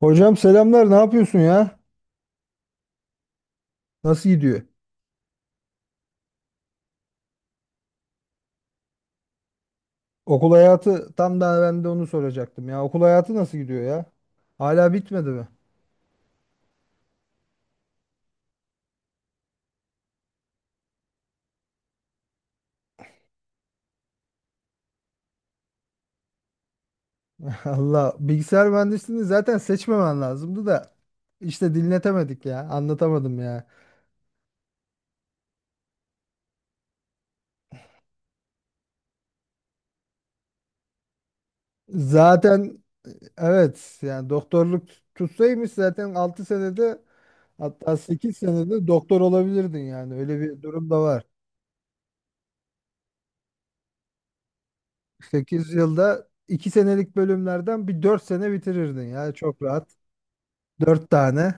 Hocam selamlar. Ne yapıyorsun ya? Nasıl gidiyor? Okul hayatı tam da ben de onu soracaktım ya. Okul hayatı nasıl gidiyor ya? Hala bitmedi mi? Allah bilgisayar mühendisliğini zaten seçmemen lazımdı da işte dinletemedik ya. Anlatamadım ya. Zaten evet yani doktorluk tutsaymış zaten 6 senede hatta 8 senede doktor olabilirdin yani. Öyle bir durum da var. 8 yılda 2 senelik bölümlerden bir 4 sene bitirirdin ya çok rahat. 4 tane.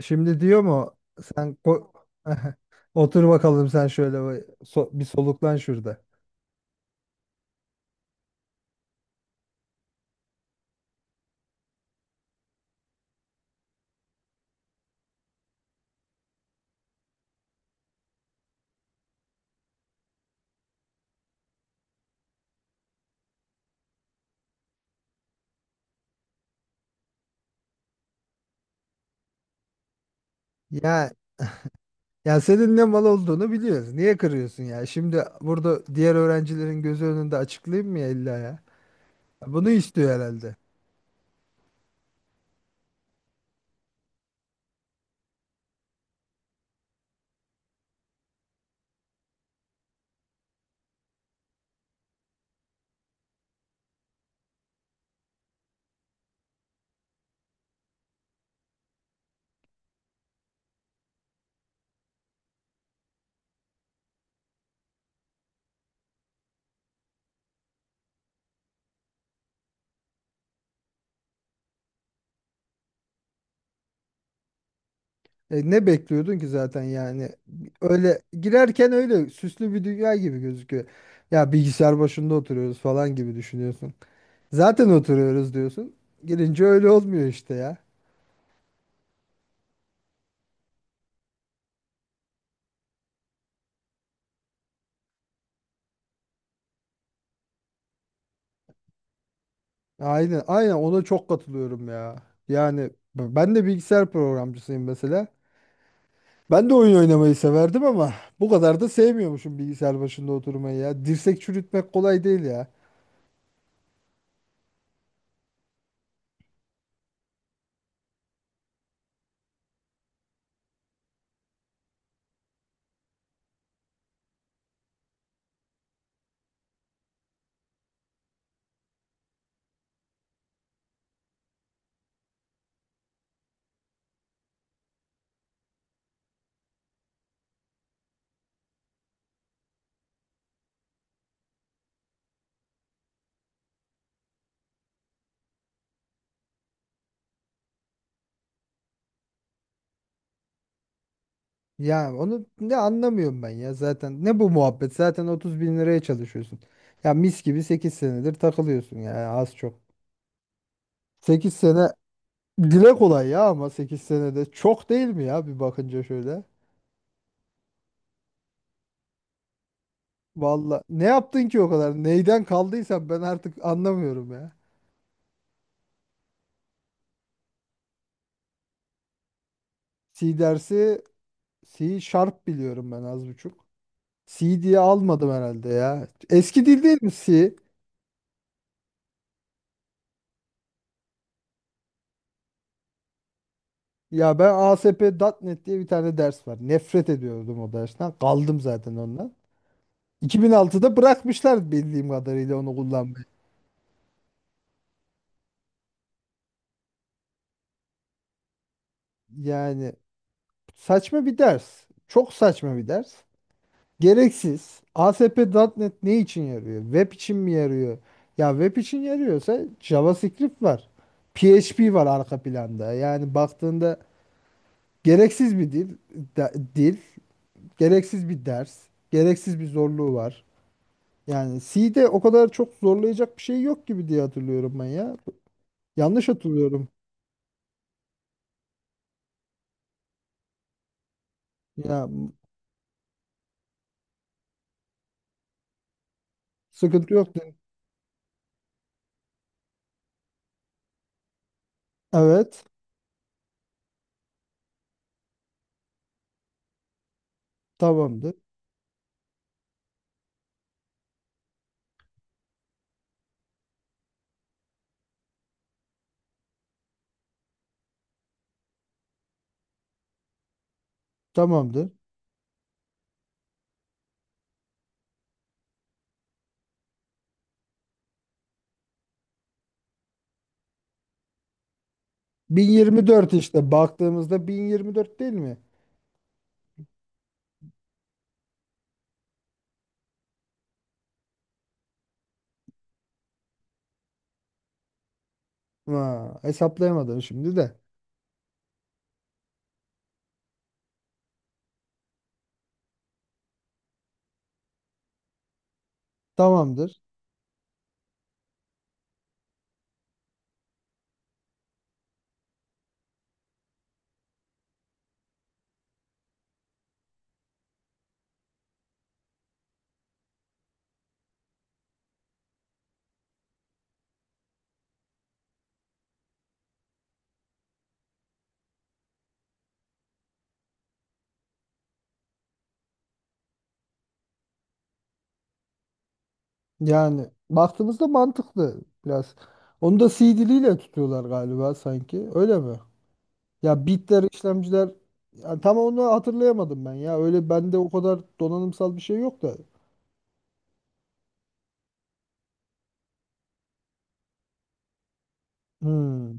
Şimdi diyor mu sen ko- otur bakalım sen şöyle bir soluklan şurada. Ya ya senin ne mal olduğunu biliyoruz. Niye kırıyorsun ya? Şimdi burada diğer öğrencilerin gözü önünde açıklayayım mı ya illa ya? Bunu istiyor herhalde. E, ne bekliyordun ki zaten yani? Öyle girerken öyle süslü bir dünya gibi gözüküyor. Ya bilgisayar başında oturuyoruz falan gibi düşünüyorsun. Zaten oturuyoruz diyorsun. Girince öyle olmuyor işte ya. Aynen, aynen ona çok katılıyorum ya. Yani ben de bilgisayar programcısıyım mesela. Ben de oyun oynamayı severdim ama bu kadar da sevmiyormuşum bilgisayar başında oturmayı ya. Dirsek çürütmek kolay değil ya. Ya onu ne anlamıyorum ben ya zaten. Ne bu muhabbet? Zaten 30 bin liraya çalışıyorsun. Ya mis gibi 8 senedir takılıyorsun ya az çok. Sekiz sene dile kolay ya, ama 8 senede çok değil mi ya bir bakınca şöyle. Valla ne yaptın ki o kadar? Neyden kaldıysan ben artık anlamıyorum ya. C dersi. C Sharp biliyorum ben az buçuk. C diye almadım herhalde ya. Eski dil değil mi C? Ya ben, A S P nokta Net diye bir tane ders var. Nefret ediyordum o dersten. Kaldım zaten ondan. 2006'da bırakmışlar bildiğim kadarıyla onu kullanmayı. Yani saçma bir ders. Çok saçma bir ders. Gereksiz. A S P nokta Net ne için yarıyor? Web için mi yarıyor? Ya web için yarıyorsa JavaScript var. P H P var arka planda. Yani baktığında gereksiz bir dil, dil, gereksiz bir ders, gereksiz bir zorluğu var. Yani C'de o kadar çok zorlayacak bir şey yok gibi diye hatırlıyorum ben ya. Yanlış hatırlıyorum. Ya sıkıntı yok dedim. Evet, tamamdır. Tamamdır. 1024, işte baktığımızda 1024 değil mi? Ha, hesaplayamadım şimdi de. Tamamdır. Yani baktığımızda mantıklı biraz. Onu da C diliyle tutuyorlar galiba sanki. Öyle mi? Ya bitler, işlemciler, ya tam onu hatırlayamadım ben ya. Öyle bende o kadar donanımsal bir şey yok da. Hmm.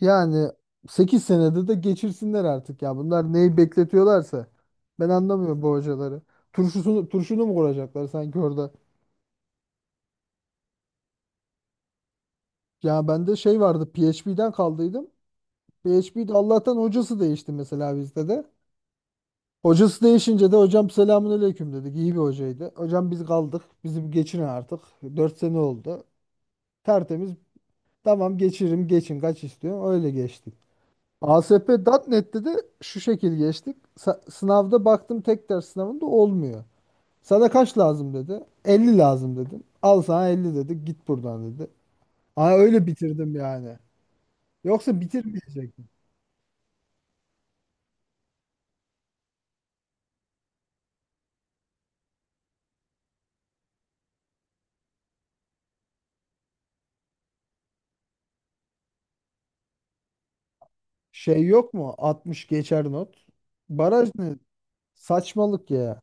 Yani 8 senede de geçirsinler artık ya. Bunlar neyi bekletiyorlarsa ben anlamıyorum bu hocaları. Turşunu mu kuracaklar sanki orada? Ya bende şey vardı, PHP'den kaldıydım. PHP'de Allah'tan hocası değişti mesela bizde de. Hocası değişince de hocam selamünaleyküm dedik. İyi bir hocaydı. Hocam biz kaldık. Bizi bir geçirin artık. Dört sene oldu. Tertemiz. Tamam geçiririm, geçin kaç istiyorsun, öyle geçtik. ASP.NET'te de şu şekil geçtik. Sınavda baktım tek ders sınavında olmuyor. Sana kaç lazım dedi. 50 lazım dedim. Al sana 50 dedi. Git buradan dedi. Aa, öyle bitirdim yani. Yoksa bitirmeyecektim. Şey yok mu? 60 geçer not. Baraj ne? Saçmalık ya.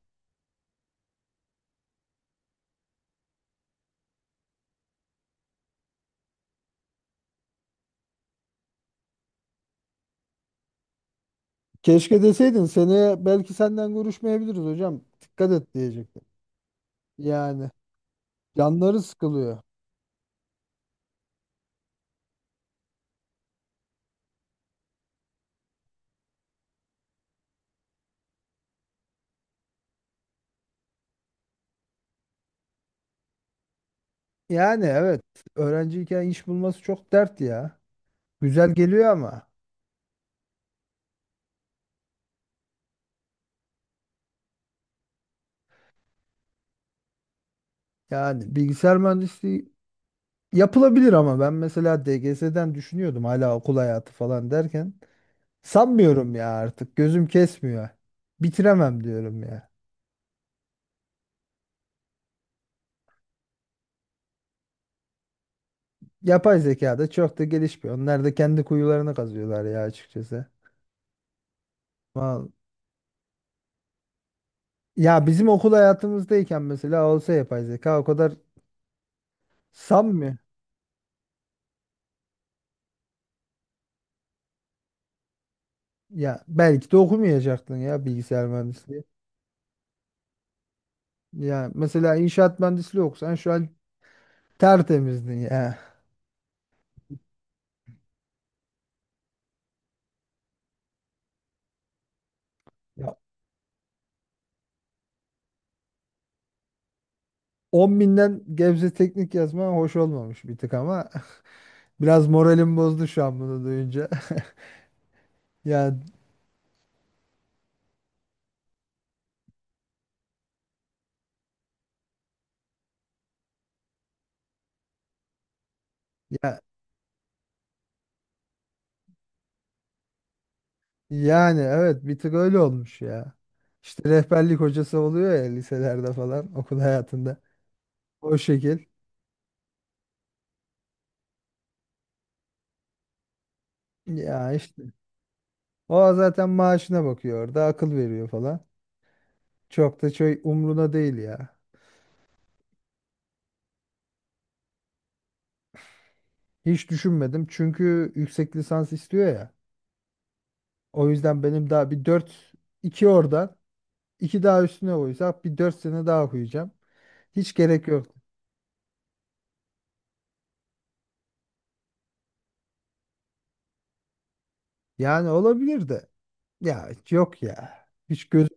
Keşke deseydin seneye belki senden görüşmeyebiliriz hocam, dikkat et diyecektim. Yani canları sıkılıyor. Yani evet, öğrenciyken iş bulması çok dert ya. Güzel geliyor ama yani bilgisayar mühendisliği yapılabilir, ama ben mesela DGS'den düşünüyordum, hala okul hayatı falan derken sanmıyorum ya, artık gözüm kesmiyor. Bitiremem diyorum ya. Yapay zeka da çok da gelişmiyor. Onlar da kendi kuyularını kazıyorlar ya açıkçası. Val- Ya bizim okul hayatımızdayken mesela olsa yapay zeka, o kadar sanmıyor. Ya belki de okumayacaktın ya bilgisayar mühendisliği. Ya mesela inşaat mühendisliği okusan şu an tertemizdin ya. Ya 10 binden Gebze Teknik yazma hoş olmamış bir tık ama biraz moralim bozdu şu an bunu duyunca. Ya, ya yani evet, bir tık öyle olmuş ya. İşte rehberlik hocası oluyor ya liselerde falan okul hayatında. O şekil. Ya işte o zaten maaşına bakıyor orada, akıl veriyor falan. Çok da şey, umruna değil ya. Hiç düşünmedim çünkü yüksek lisans istiyor ya. O yüzden benim daha bir dört, 2 oradan, 2 daha üstüne koysak bir 4 sene daha okuyacağım. Hiç gerek yok. Yani olabilir de. Ya yok ya. Hiç göz,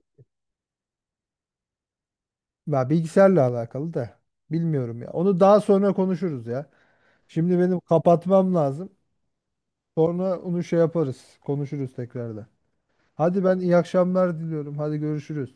ya bilgisayarla alakalı da bilmiyorum ya. Onu daha sonra konuşuruz ya. Şimdi benim kapatmam lazım. Sonra onu şey yaparız, konuşuruz tekrardan. Hadi ben iyi akşamlar diliyorum. Hadi görüşürüz.